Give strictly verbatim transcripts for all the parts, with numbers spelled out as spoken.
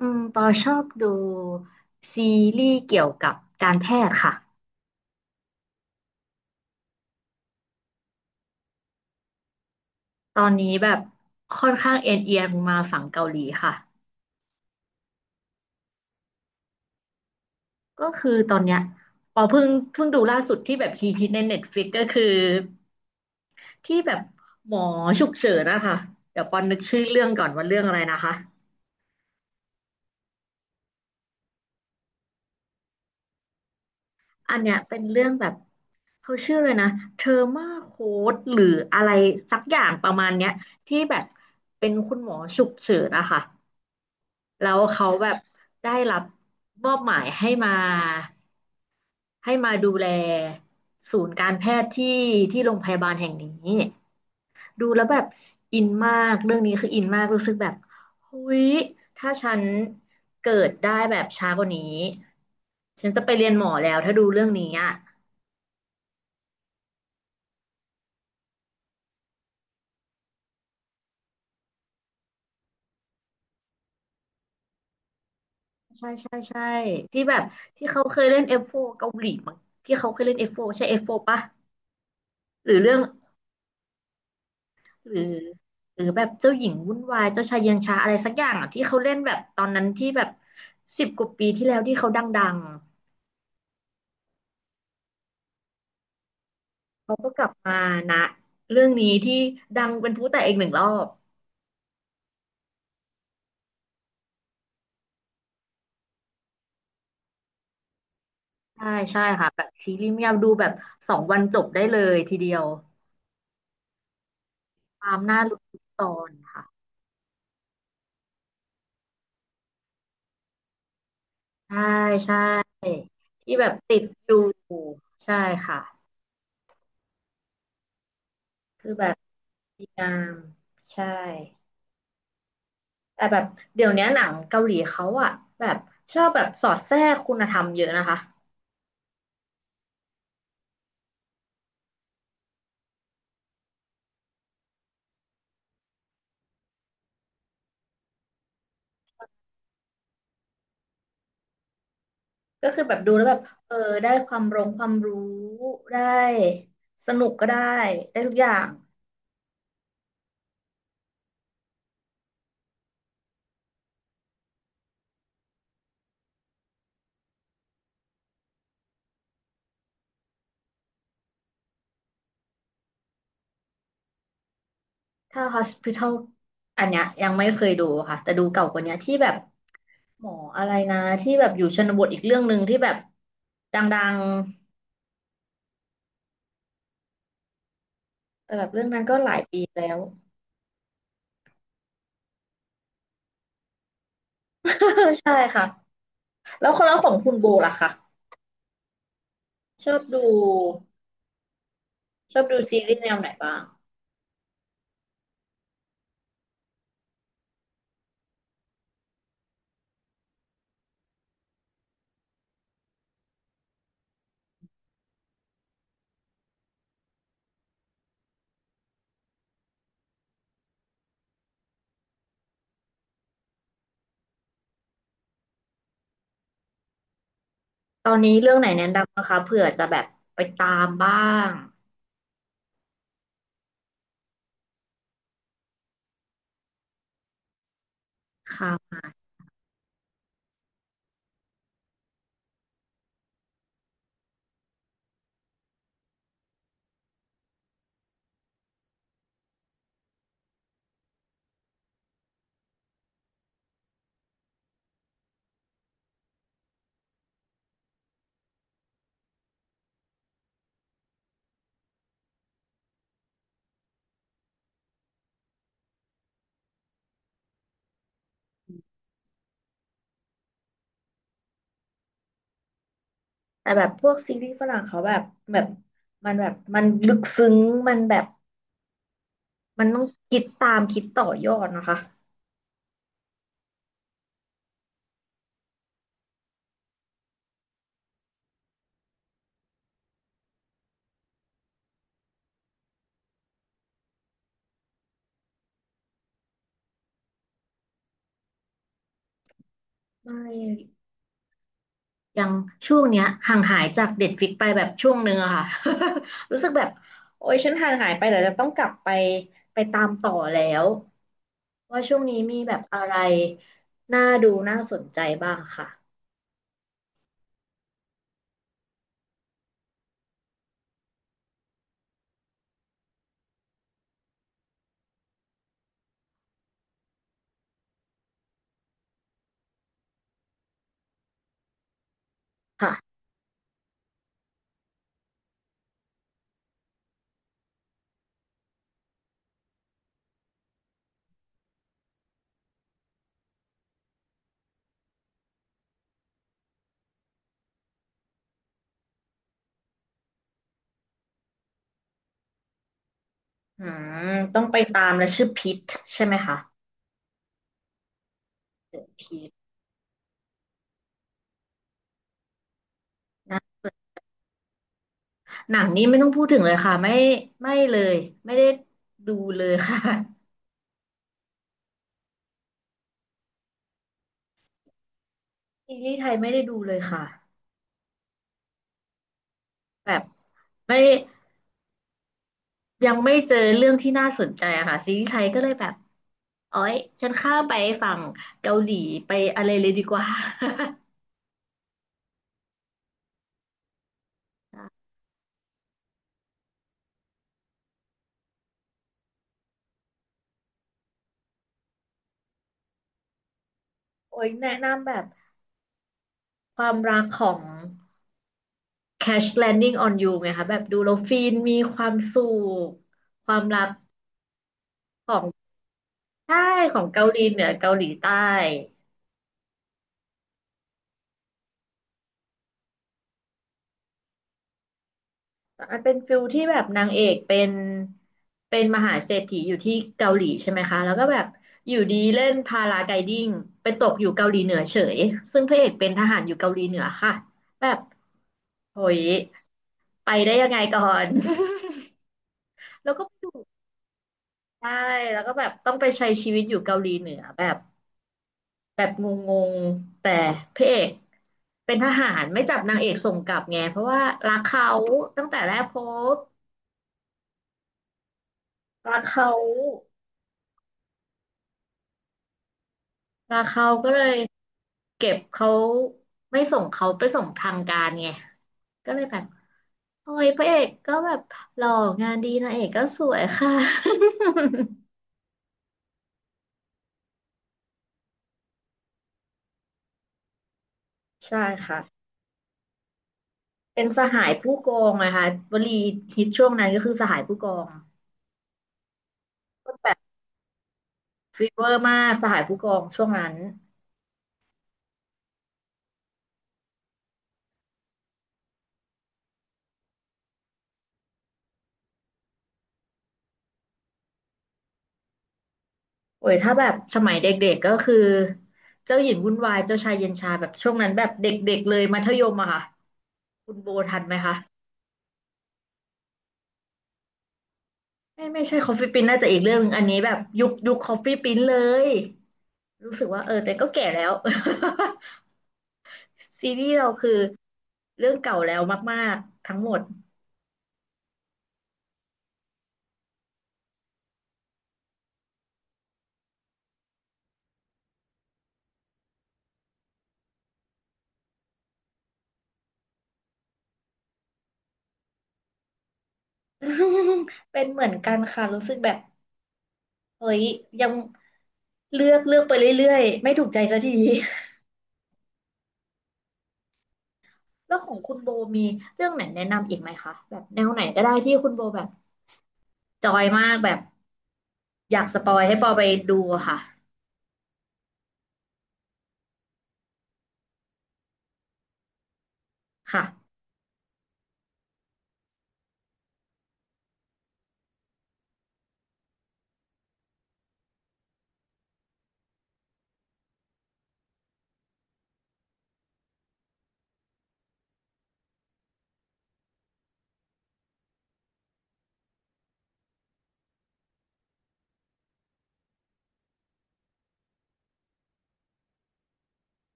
อืมปอชอบดูซีรีส์เกี่ยวกับการแพทย์ค่ะตอนนี้แบบค่อนข้างเอ็นเอียงมาฝั่งเกาหลีค่ะก็คือตอนเนี้ยปอเพิ่งเพิ่งดูล่าสุดที่แบบฮิตฮิตในเน็ตฟลิกก็คือที่แบบหมอฉุกเฉินนะคะเดี๋ยวปอนึกชื่อเรื่องก่อนว่าเรื่องอะไรนะคะอันเนี้ยเป็นเรื่องแบบเขาชื่อเลยนะเทอร์มาโค้ดหรืออะไรสักอย่างประมาณเนี้ยที่แบบเป็นคุณหมอฉุกเฉินนะคะ แล้วเขาแบบได้รับมอบหมายให้มาให้มาดูแลศูนย์การแพทย์ที่ที่โรงพยาบาลแห่งนี้ดูแล้วแบบอินมากเรื่องนี้คืออินมากรู้สึกแบบเฮ้ยถ้าฉันเกิดได้แบบช้ากว่านี้ฉันจะไปเรียนหมอแล้วถ้าดูเรื่องนี้อ่ะใช่ใช่ใช่ที่แบบที่เขาเคยเล่น เอฟ โฟร์ เกาหลีมั้งที่เขาเคยเล่น เอฟ โฟร์ ใช่ เอฟ โฟร์ ปะหรือเรื่อง หรือหรือแบบเจ้าหญิงวุ่นวายเจ้าชายเย็นชาอะไรสักอย่างอ่ะที่เขาเล่นแบบตอนนั้นที่แบบสิบกว่าปีที่แล้วที่เขาดังๆเขาก็กลับมานะเรื่องนี้ที่ดังเป็นพลุแตกอีกหนึ่งรอบใช่ใช่ค่ะแบบซีรีส์ไม่ยาวดูแบบสองวันจบได้เลยทีเดียวตามหน้าลุ้นทุกตอนค่ะใช่ใช่ที่แบบติดดูใช่ค่ะคือแบบดีงามใช่ แต่แบบเดี๋ยวเนี้ยหนังเกาหลีเขาอะแบบชอบแบบสอดแทรกคุณธรรมเยอะนะคะก็คือแบบดูแล้วแบบเออได้ความรงความรู้ได้สนุกก็ได้ได้ทุกอย่างถ้า Hospital อันเนี้ยยังไม่เคยดูค่ะแต่ดูเก่ากว่าเนี้ยที่แบบหมออะไรนะที่แบบอยู่ชนบทอีกเรื่องหนึ่งที่แบบดังๆแต่แบบเรื่องนั้นก็หลายปีแล้ว ใช่ค่ะแล้วคนละของคุณโบล่ะคะชอบดูชอบดูซีรีส์แนวไหนบ้าง ตอนนี้เรื่องไหนแนะนำนะคะเผื่อจะแบบไปตามบ้างค่ะแต่แบบพวกซีรีส์ฝรั่งเขาแบบแบบมันแบบมันลึกซึ้งมันแบบมันต้องคิดตามคิดต่อยอดนะคะไม่ยังช่วงเนี้ยห่างหายจากเด็ดฟิกไปแบบช่วงหนึ่งอะค่ะ รู้สึกแบบโอ๊ยฉันห่างหายไปเดี๋ยวจะต้องกลับไปไปตามต่อแล้วว่าช่วงนี้มีแบบอะไรน่าดูน่าสนใจบ้างค่ะค่ะ อืมต้องไปตามและชื่อพิทใช่ไหมคะพิทนะหนังนี้ไม่ต้องพูดถึงเลยค่ะไม่ไม่เลยไม่ได้ดูเลยค่ะ ซีรีส์ไทยไม่ได้ดูเลยค่ะแบบไม่ยังไม่เจอเรื่องที่น่าสนใจอะค่ะซีรีส์ไทยก็เลยแบบโอ๊ยฉันข้ามไปฝั่งเกาหลีไปอะไรเลยดีกว่า โอ้ยแนะนำแบบความรักของ Crash Landing on You ไงคะแบบดูแล้วฟินมีความสุขความรักของ ใช่ของเกาหลีเหนือเกาหลีใต้มันเป็นฟิลที่แบบนางเอกเป็นเป็นมหาเศรษฐีอยู่ที่เกาหลีใช่ไหมคะแล้วก็แบบอยู่ดีเล่นพาราไกลดิ้งไปตกอยู่เกาหลีเหนือเฉยซึ่งพระเอกเป็นทหารอยู่เกาหลีเหนือค่ะแบบโหยไปได้ยังไงก่อน แล้วก็ไปอยู่ใช่แล้วก็แบบต้องไปใช้ชีวิตอยู่เกาหลีเหนือแบบ แบบงงๆแต่พระเอกเป็นทหารไม่จับนางเอกส่งกลับไงเพราะว่ารักเขาตั้งแต่แรกพบรักเขารักเขาก็เลยเก็บเขาไม่ส่งเขาไปส่งทางการไงก็เลยแบบโอ้ยพระเอกก็แบบหล่องานดีนางเอกก็สวยค่ะ ใช่ค่ะเป็นสหายผู้กองนะคะวลีฮิตช่วงนั้นก็คือสหายผู้กองก็แบบฟีเวอร์มากสหายผู้กองช่วงนั้น โอ้ยถ้าแบบสมัยเด็กๆก็คือเจ้าหญิงวุ่นวายเจ้าชายเย็นชาแบบช่วงนั้นแบบเด็กๆเลยมัธยมอะค่ะคุณโบทันไหมคะไม่ไม่ใช่คอฟฟี่ปิ้นน่าจะอีกเรื่องหนึงอันนี้แบบยุคยุคคอฟฟี่ปิ้นเลยรู้สึกว่าเออแต่ก็แก่แล้ว ซีรีส์เราคือเรื่องเก่าแล้วมากๆทั้งหมด เป็นเหมือนกันค่ะรู้สึกแบบเฮ้ยยังเลือกเลือกไปเรื่อยๆไม่ถูกใจสักที แล้วของคุณโบมีเรื่องไหนแนะนำอีกไหมคะแบบแนวไหนก็ได้ที่คุณโบแบบจอยมากแบบอยากสปอยให้ปอไปดูอะค่ะค่ะ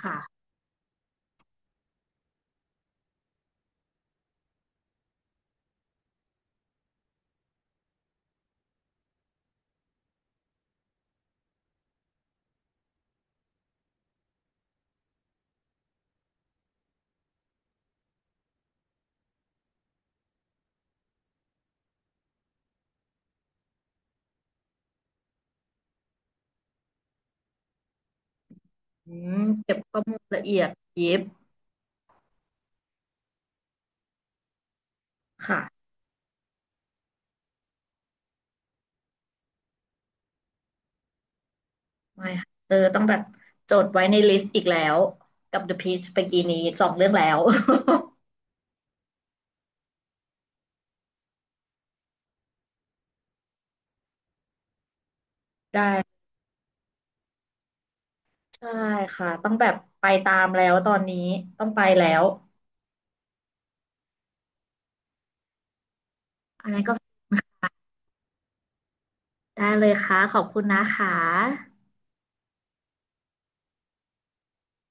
ค่ะอืมเก็บข้อมูลละเอียดยิบค่ะไม่ค่ะเออต้องแบบจดไว้ในลิสต์อีกแล้วกับ The Peach ไปกีนี้สองเรื่องแล้ว ได้ใช่ค่ะต้องแบบไปตามแล้วตอนนี้ต้องไปแล้วอันนั้นก็ได้เลยค่ะขอบคุณนะคะ